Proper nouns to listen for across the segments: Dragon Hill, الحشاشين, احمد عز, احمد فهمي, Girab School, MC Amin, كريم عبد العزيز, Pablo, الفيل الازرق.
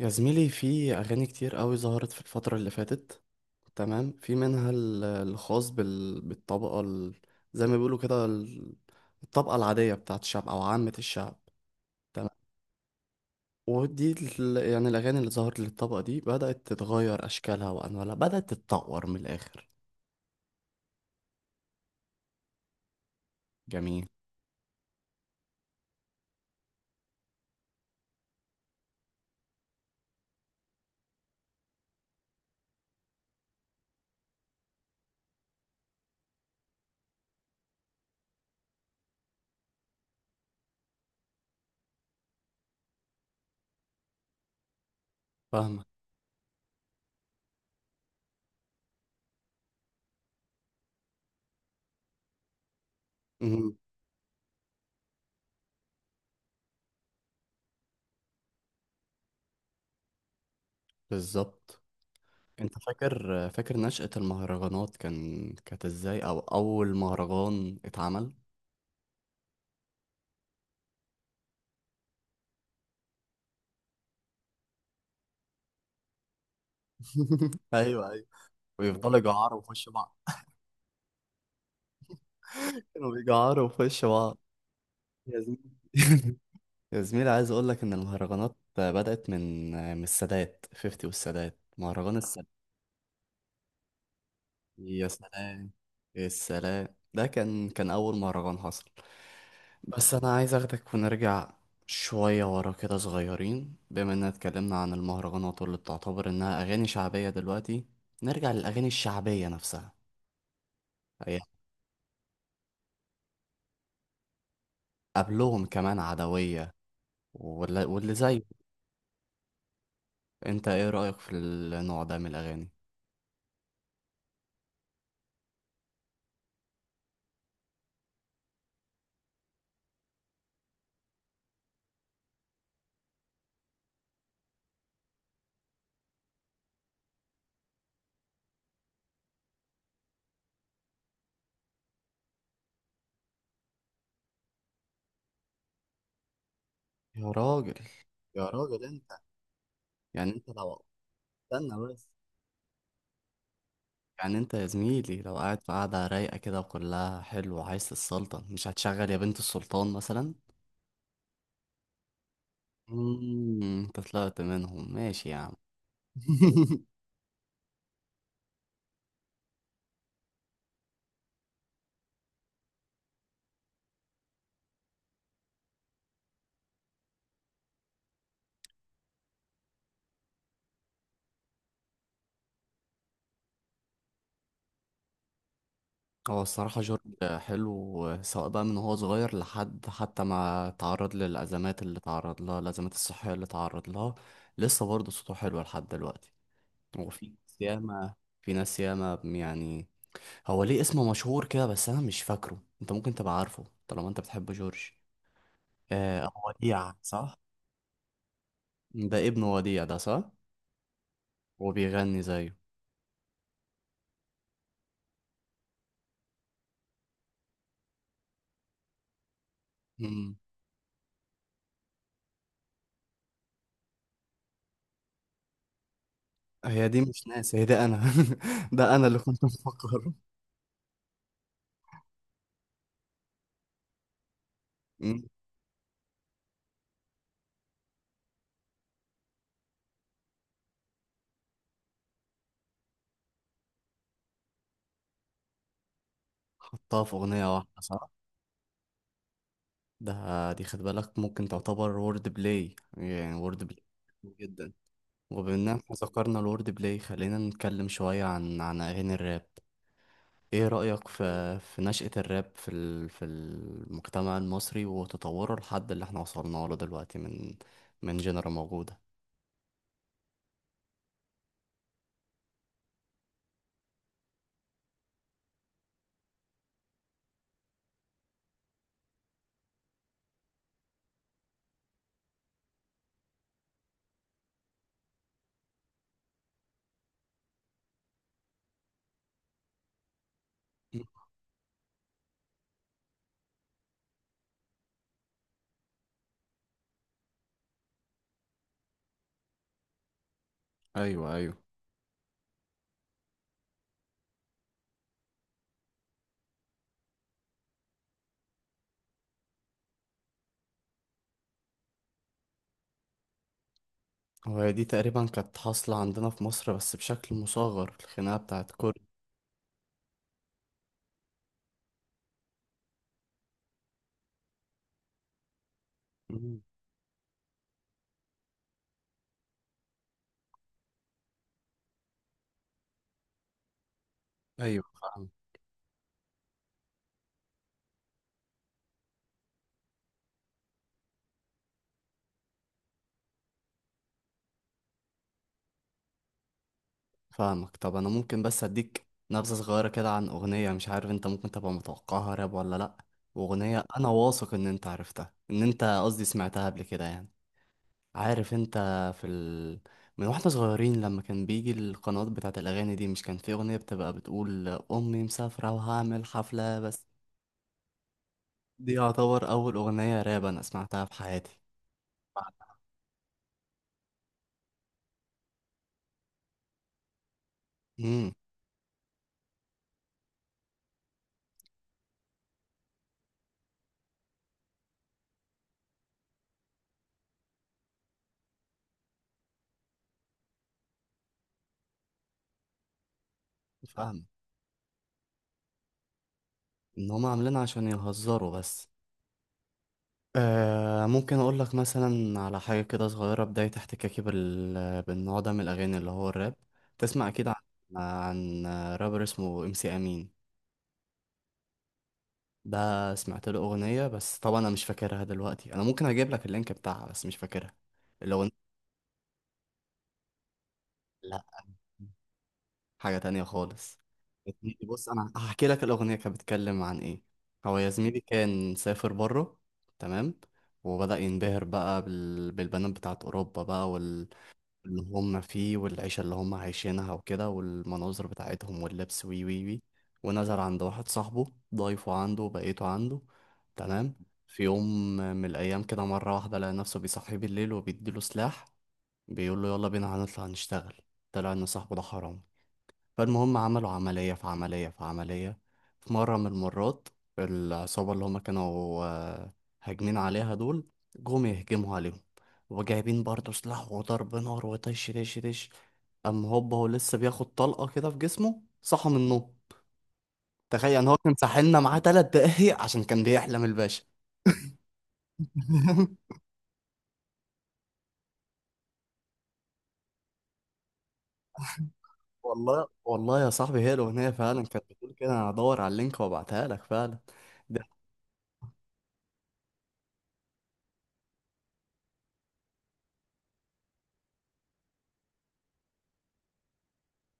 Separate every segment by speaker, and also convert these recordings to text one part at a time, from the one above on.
Speaker 1: يا زميلي، في أغاني كتير قوي ظهرت في الفترة اللي فاتت. تمام. في منها الخاص بالطبقة زي ما بيقولوا كده الطبقة العادية بتاعت الشعب أو عامة الشعب. تمام. ودي يعني الأغاني اللي ظهرت للطبقة دي بدأت تتغير أشكالها وأنوالها، بدأت تتطور من الآخر. جميل. فاهمك. مهم. بالظبط. أنت فاكر نشأة المهرجانات كانت إزاي، أو أول مهرجان اتعمل؟ أيوه أيوه. ويفضلوا يجعروا في وش بعض، كانوا بيجعروا في وش بعض. يا زميلي. يا زميلي، عايز اقول لك ان المهرجانات بدأت من السادات 50، والسادات مهرجان السادات. يا سلام. يا سلام. ده كان اول مهرجان حصل. بس انا عايز اخدك ونرجع شوية ورا كده صغيرين، بما اننا اتكلمنا عن المهرجانات واللي بتعتبر انها اغاني شعبية دلوقتي، نرجع للاغاني الشعبية نفسها. هي قبلهم كمان عدوية، ولا- واللي زيه. انت ايه رأيك في النوع ده من الاغاني؟ يا راجل. يا راجل انت. يعني انت لو، استنى بس. يعني انت يا زميلي لو قاعد في قعدة رايقة كده وكلها حلو وعايز تتسلطن، مش هتشغل يا بنت السلطان مثلا؟ مم، انت طلعت منهم، ماشي يا عم. هو الصراحة جورج حلو، سواء بقى من وهو صغير لحد حتى ما تعرض للأزمات اللي تعرض لها، الأزمات الصحية اللي تعرض لها. لسه برضه صوته حلو لحد دلوقتي. وفي ناس ياما، في ناس ياما يعني. هو ليه اسمه مشهور كده بس انا مش فاكره؟ انت ممكن تبقى عارفه طالما انت بتحب جورج. آه، أبو وديع، صح؟ ده ابن وديع ده، صح؟ وبيغني زيه. مم. هي دي مش ناس، هي ده انا. ده انا اللي كنت مفكره. مم. حطها في اغنية واحدة، صح؟ ده دي خد بالك، ممكن تعتبر وورد بلاي، يعني وورد بلاي جدا. وبما ان احنا ذكرنا الوورد بلاي، خلينا نتكلم شوية عن اغاني الراب. ايه رأيك في نشأة الراب في المجتمع المصري وتطوره لحد اللي احنا وصلنا له دلوقتي، من جنرا موجودة؟ مم. ايوه ايوه. وهي دي تقريبا كانت حاصلة عندنا في مصر بس بشكل مصغر، الخناقة بتاعت كوري. مم. ايوه فاهم. فاهمك. طب انا ممكن بس اديك نبذة صغيرة كده عن اغنية مش عارف انت ممكن تبقى متوقعها راب ولا لأ، واغنية انا واثق ان انت عرفتها، ان انت قصدي سمعتها قبل كده يعني. عارف انت في ال... من واحنا صغيرين لما كان بيجي القنوات بتاعت الأغاني دي، مش كان في أغنية بتبقى بتقول أمي مسافرة وهعمل حفلة بس؟ دي يعتبر أول أغنية راب أنا سمعتها في حياتي. امم فاهم. إن هما عاملينها عشان يهزروا بس. آه، ممكن أقول لك مثلا على حاجة كده صغيرة، بداية احتكاكي بالنوع ده من الأغاني اللي هو الراب. تسمع أكيد عن رابر اسمه ام سي أمين. ده سمعت له أغنية بس طبعا أنا مش فاكرها دلوقتي، أنا ممكن أجيب لك اللينك بتاعها بس مش فاكرها الأغنية. لا، حاجة تانية خالص. بص أنا هحكي لك الأغنية كانت بتتكلم عن إيه. هو يا زميلي كان سافر بره. تمام. وبدأ ينبهر بقى بالبنات بتاعت أوروبا بقى، اللي هم فيه والعيشة اللي هم عايشينها وكده، والمناظر بتاعتهم واللبس وي وي وي. ونزل عند واحد صاحبه، ضايفه عنده وبقيته عنده. تمام. في يوم من الأيام كده، مرة واحدة لقى نفسه بيصحيه بالليل وبيديله سلاح، بيقول له يلا بينا هنطلع نشتغل. طلع إن صاحبه ده حرامي. فالمهم عملوا عملية في عملية في عملية. في مرة من المرات، العصابة اللي هما كانوا هاجمين عليها دول جم يهجموا عليهم، وجايبين برضه سلاح وضرب نار وطش طش طش. أما هوبا، هو لسه بياخد طلقة كده في جسمه صحى من النوم. تخيل يعني هو كان ساحلنا معاه تلات دقايق عشان كان بيحلم الباشا. والله والله يا صاحبي، هي الأغنية فعلا كانت بتقول كده. أنا هدور على اللينك وأبعتها لك فعلا.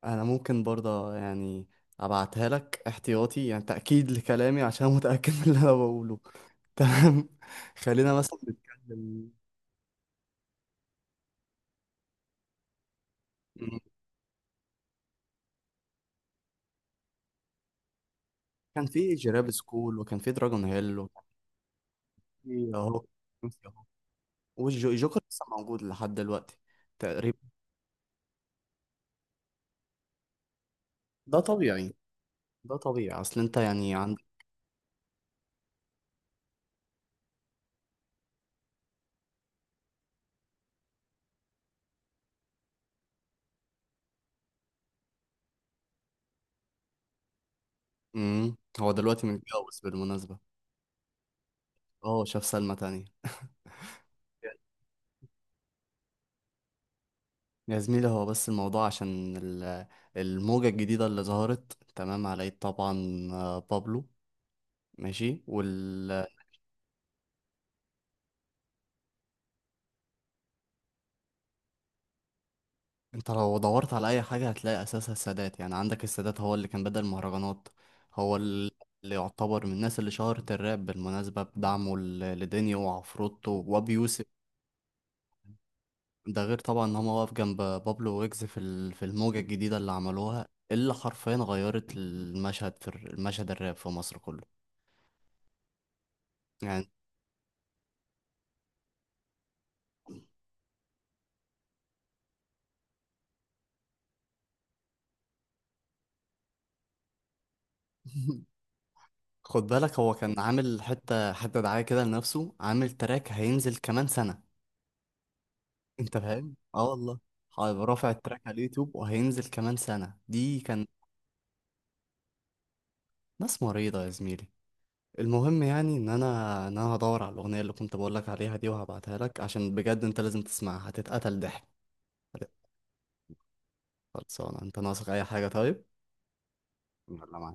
Speaker 1: انا ممكن برضه يعني ابعتها لك احتياطي، يعني تأكيد لكلامي عشان متأكد من اللي انا بقوله. تمام. خلينا مثلا نتكلم. م- كان في جيراب سكول وكان في دراجون هيل وكان في اهو. والجوكر لسه موجود لحد دلوقتي تقريبا. ده طبيعي. ده طبيعي، اصل انت يعني عندك. مم. هو دلوقتي متجوز بالمناسبة. اه، شاف سلمى تانية. يا زميلي، هو بس الموضوع عشان الموجة الجديدة اللي ظهرت، تمام، على يد طبعا بابلو، ماشي انت لو دورت على اي حاجة هتلاقي اساسها السادات. يعني عندك السادات هو اللي كان بدأ المهرجانات. هو اللي يعتبر من الناس اللي شهرت الراب بالمناسبة بدعمه لدينيو وعفروتو وابي يوسف. ده غير طبعا ان هو واقف جنب بابلو ويجز في في الموجة الجديدة اللي عملوها، اللي حرفيا غيرت المشهد في المشهد الراب في مصر كله. يعني. خد بالك، هو كان عامل حتة حتة دعاية كده لنفسه، عامل تراك هينزل كمان سنة. انت فاهم؟ اه والله. هيبقى رافع التراك على اليوتيوب وهينزل كمان سنة دي كان. ناس مريضة يا زميلي. المهم يعني ان انا هدور على الاغنية اللي كنت بقولك عليها دي وهبعتها لك عشان بجد انت لازم تسمعها، هتتقتل ضحك. خلصانة. انت ناقصك اي حاجة طيب؟ يلا مع